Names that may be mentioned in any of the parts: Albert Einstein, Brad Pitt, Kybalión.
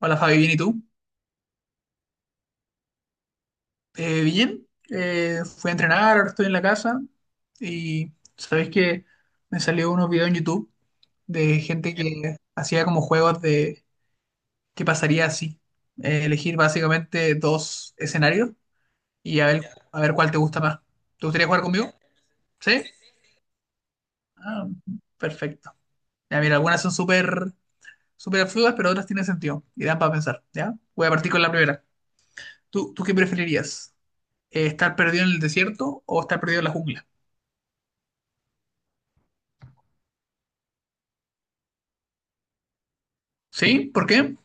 Hola Fabi, ¿bien y tú? Bien, fui a entrenar, ahora estoy en la casa y sabéis que me salió unos videos en YouTube de gente que hacía como juegos de qué pasaría si. Elegir básicamente dos escenarios y a ver cuál te gusta más. ¿Te gustaría jugar conmigo? ¿Sí? Ah, perfecto. Ya mira, algunas son súper absurdas, pero otras tienen sentido y dan para pensar, ¿ya? Voy a partir con la primera. ¿Tú qué preferirías? ¿Estar perdido en el desierto o estar perdido en la jungla? ¿Sí? ¿Por qué?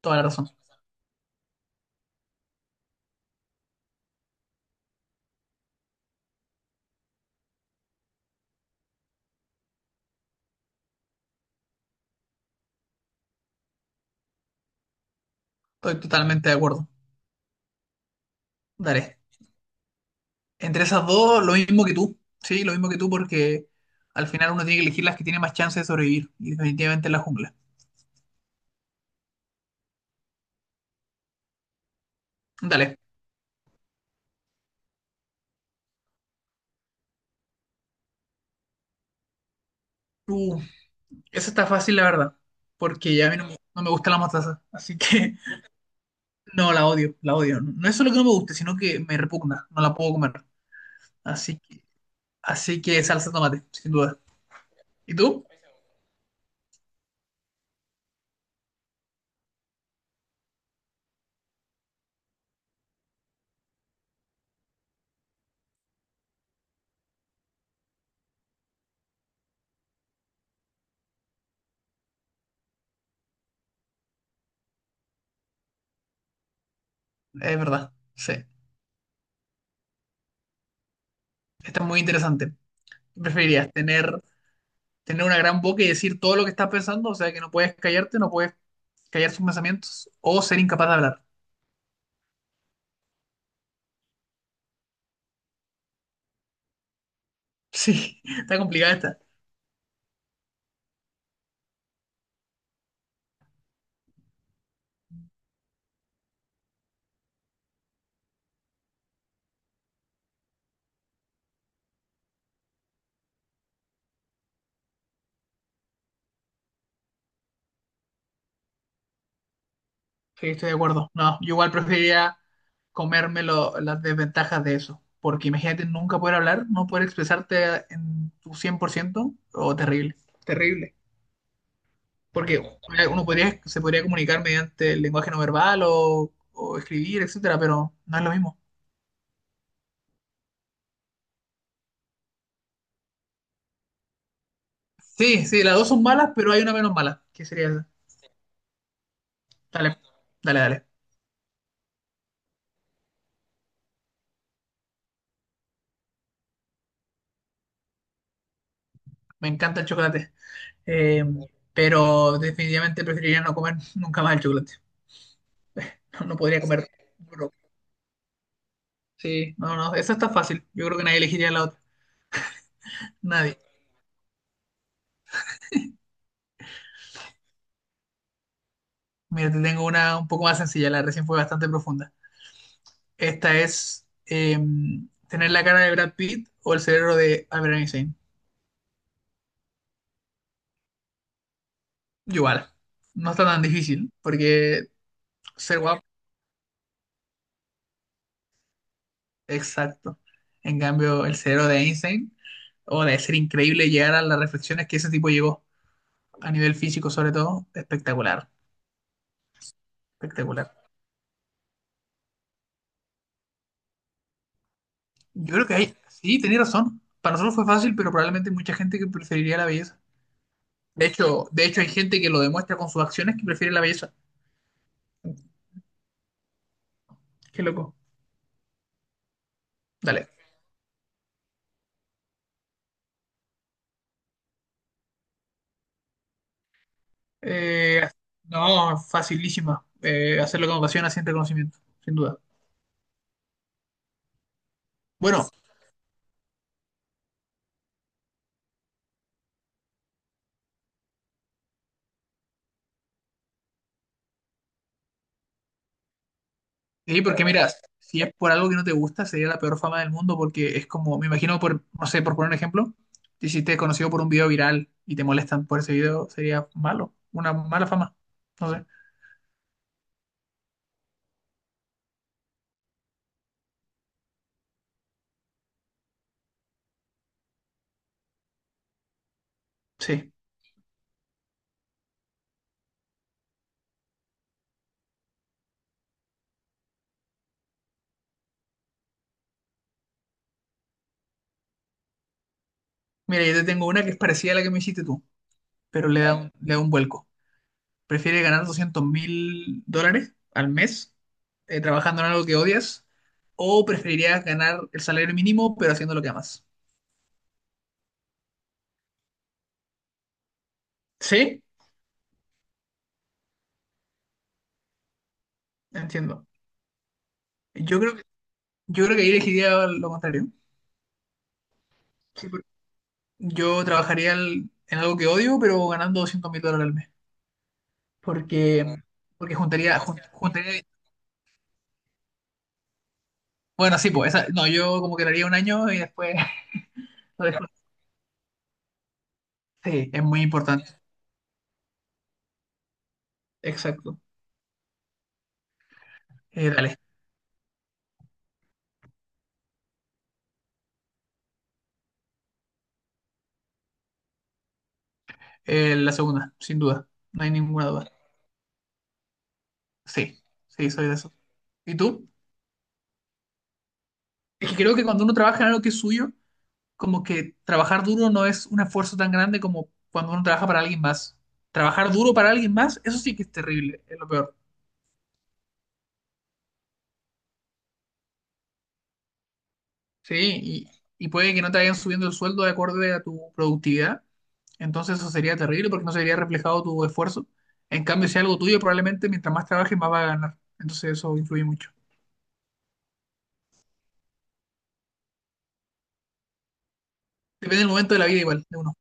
Toda la razón. Estoy totalmente de acuerdo. Dale. Entre esas dos, lo mismo que tú. Sí, lo mismo que tú, porque al final uno tiene que elegir las que tiene más chance de sobrevivir. Y definitivamente la jungla. Dale. Uh, esa está fácil, la verdad. Porque ya a mí no me gusta la mostaza. Así que no, la odio, la odio. No es solo que no me guste, sino que me repugna. No la puedo comer. Así que, así que salsa de tomate, sin duda. ¿Y tú? Es verdad. Sí. Está muy interesante. ¿Qué ¿Preferirías tener una gran boca y decir todo lo que estás pensando, o sea que no puedes callarte, no puedes callar sus pensamientos, o ser incapaz de hablar? Sí, está complicada esta. Sí, estoy de acuerdo. No, yo igual preferiría las desventajas de eso, porque imagínate nunca poder hablar, no poder expresarte en tu 100%. O terrible, terrible. Porque uno podría, se podría comunicar mediante el lenguaje no verbal o escribir, etcétera, pero no es lo mismo. Sí, sí, las dos son malas, pero hay una menos mala, que sería esa. Dale, dale, dale. Me encanta el chocolate. Eh, pero definitivamente preferiría no comer nunca más el chocolate. No, no podría comer brócoli. Sí, no, no, eso está fácil. Yo creo que nadie elegiría la otra. Nadie. Mira, te tengo una un poco más sencilla. La recién fue bastante profunda. Esta es tener la cara de Brad Pitt o el cerebro de Albert Einstein. Igual. No está tan difícil porque ser guapo, exacto. En cambio, el cerebro de Einstein, o de ser increíble y llegar a las reflexiones que ese tipo llegó. A nivel físico sobre todo, espectacular, espectacular. Yo creo que hay, sí, tenés razón. Para nosotros fue fácil, pero probablemente hay mucha gente que preferiría la belleza. De hecho hay gente que lo demuestra con sus acciones que prefiere la belleza. Qué loco. Dale. Eh, no, facilísima. Hacerlo con pasión, asiente conocimiento, sin duda. Bueno, sí, porque mira, si es por algo que no te gusta, sería la peor fama del mundo, porque es como, me imagino, no sé, por poner un ejemplo, te hiciste conocido por un video viral y te molestan por ese video, sería malo, una mala fama. No sé. Sí. Mira, yo te tengo una que es parecida a la que me hiciste tú, pero le da un vuelco. Prefiere ganar $200.000 al mes, trabajando en algo que odias, o preferirías ganar el salario mínimo, pero haciendo lo que amas. Sí, entiendo. Yo creo, yo creo que ahí elegiría lo contrario. En algo que odio, pero ganando 200 mil dólares al mes. Porque, mm, porque juntaría. Bueno, sí, pues, no, yo como que lo haría un año y después lo dejo. Sí, es muy importante. Exacto. Dale. La segunda, sin duda. No hay ninguna duda. Sí, sí, soy de eso. ¿Y tú? Es que creo que cuando uno trabaja en algo que es suyo, como que trabajar duro no es un esfuerzo tan grande como cuando uno trabaja para alguien más. Trabajar duro para alguien más, eso sí que es terrible, es lo peor. Sí, y, y puede que no te vayan subiendo el sueldo de acorde a tu productividad. Entonces eso sería terrible porque no se vería reflejado tu esfuerzo. En cambio, si es algo tuyo, probablemente mientras más trabajes, más vas a ganar. Entonces eso influye mucho. Depende del momento de la vida igual de uno.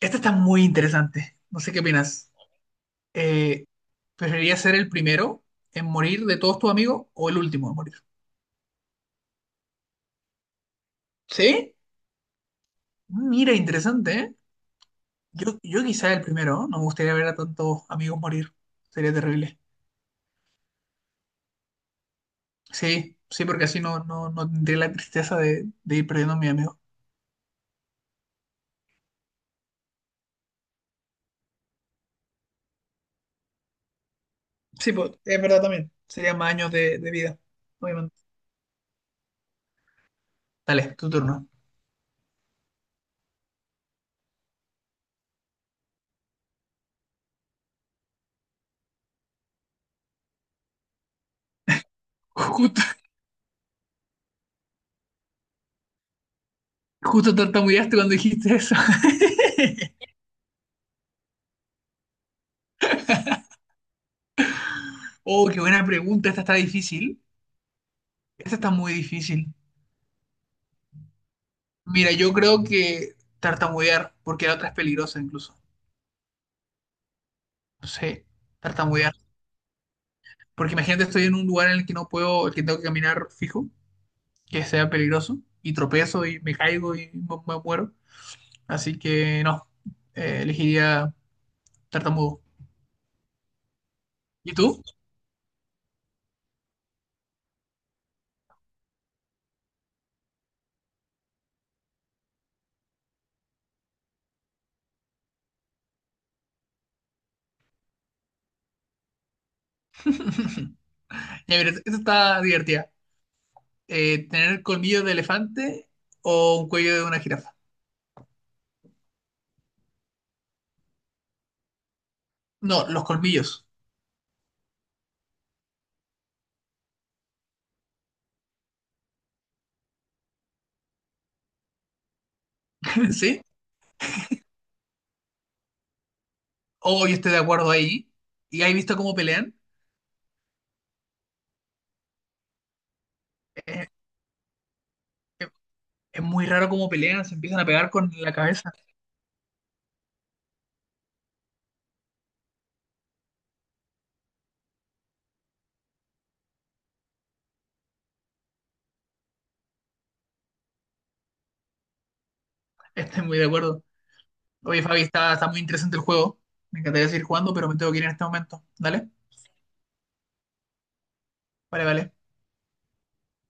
Esta está muy interesante. No sé qué opinas. Eh, ¿Preferirías ser el primero en morir de todos tus amigos o el último en morir? ¿Sí? Mira, interesante, ¿eh? Yo quizá el primero, ¿no? No me gustaría ver a tantos amigos morir. Sería terrible. Sí, sí, porque así no tendría la tristeza de ir perdiendo a mi amigo. Sí, pues, es verdad también. Sería más años de vida, obviamente. Dale, tu turno. Justo, justo tartamudeaste cuando dijiste eso. Oh, qué buena pregunta. Esta está difícil. Esta está muy difícil. Mira, yo creo que tartamudear, porque la otra es peligrosa incluso. No sé, tartamudear. Porque imagínate, estoy en un lugar en el que no puedo, el que tengo que caminar fijo, que sea peligroso, y tropezo y me caigo muero. Así que no, elegiría tartamudo. ¿Y tú? Ya, mira, esta está divertida. ¿Tener colmillos de elefante o un cuello de una jirafa? No, los colmillos, ¿sí? O yo estoy de acuerdo ahí. ¿Y has visto cómo pelean? Eh, es muy raro cómo pelean, se empiezan a pegar con la cabeza. Estoy muy de acuerdo. Oye, Fabi, está muy interesante el juego. Me encantaría seguir jugando, pero me tengo que ir en este momento. ¿Dale? Vale, vale.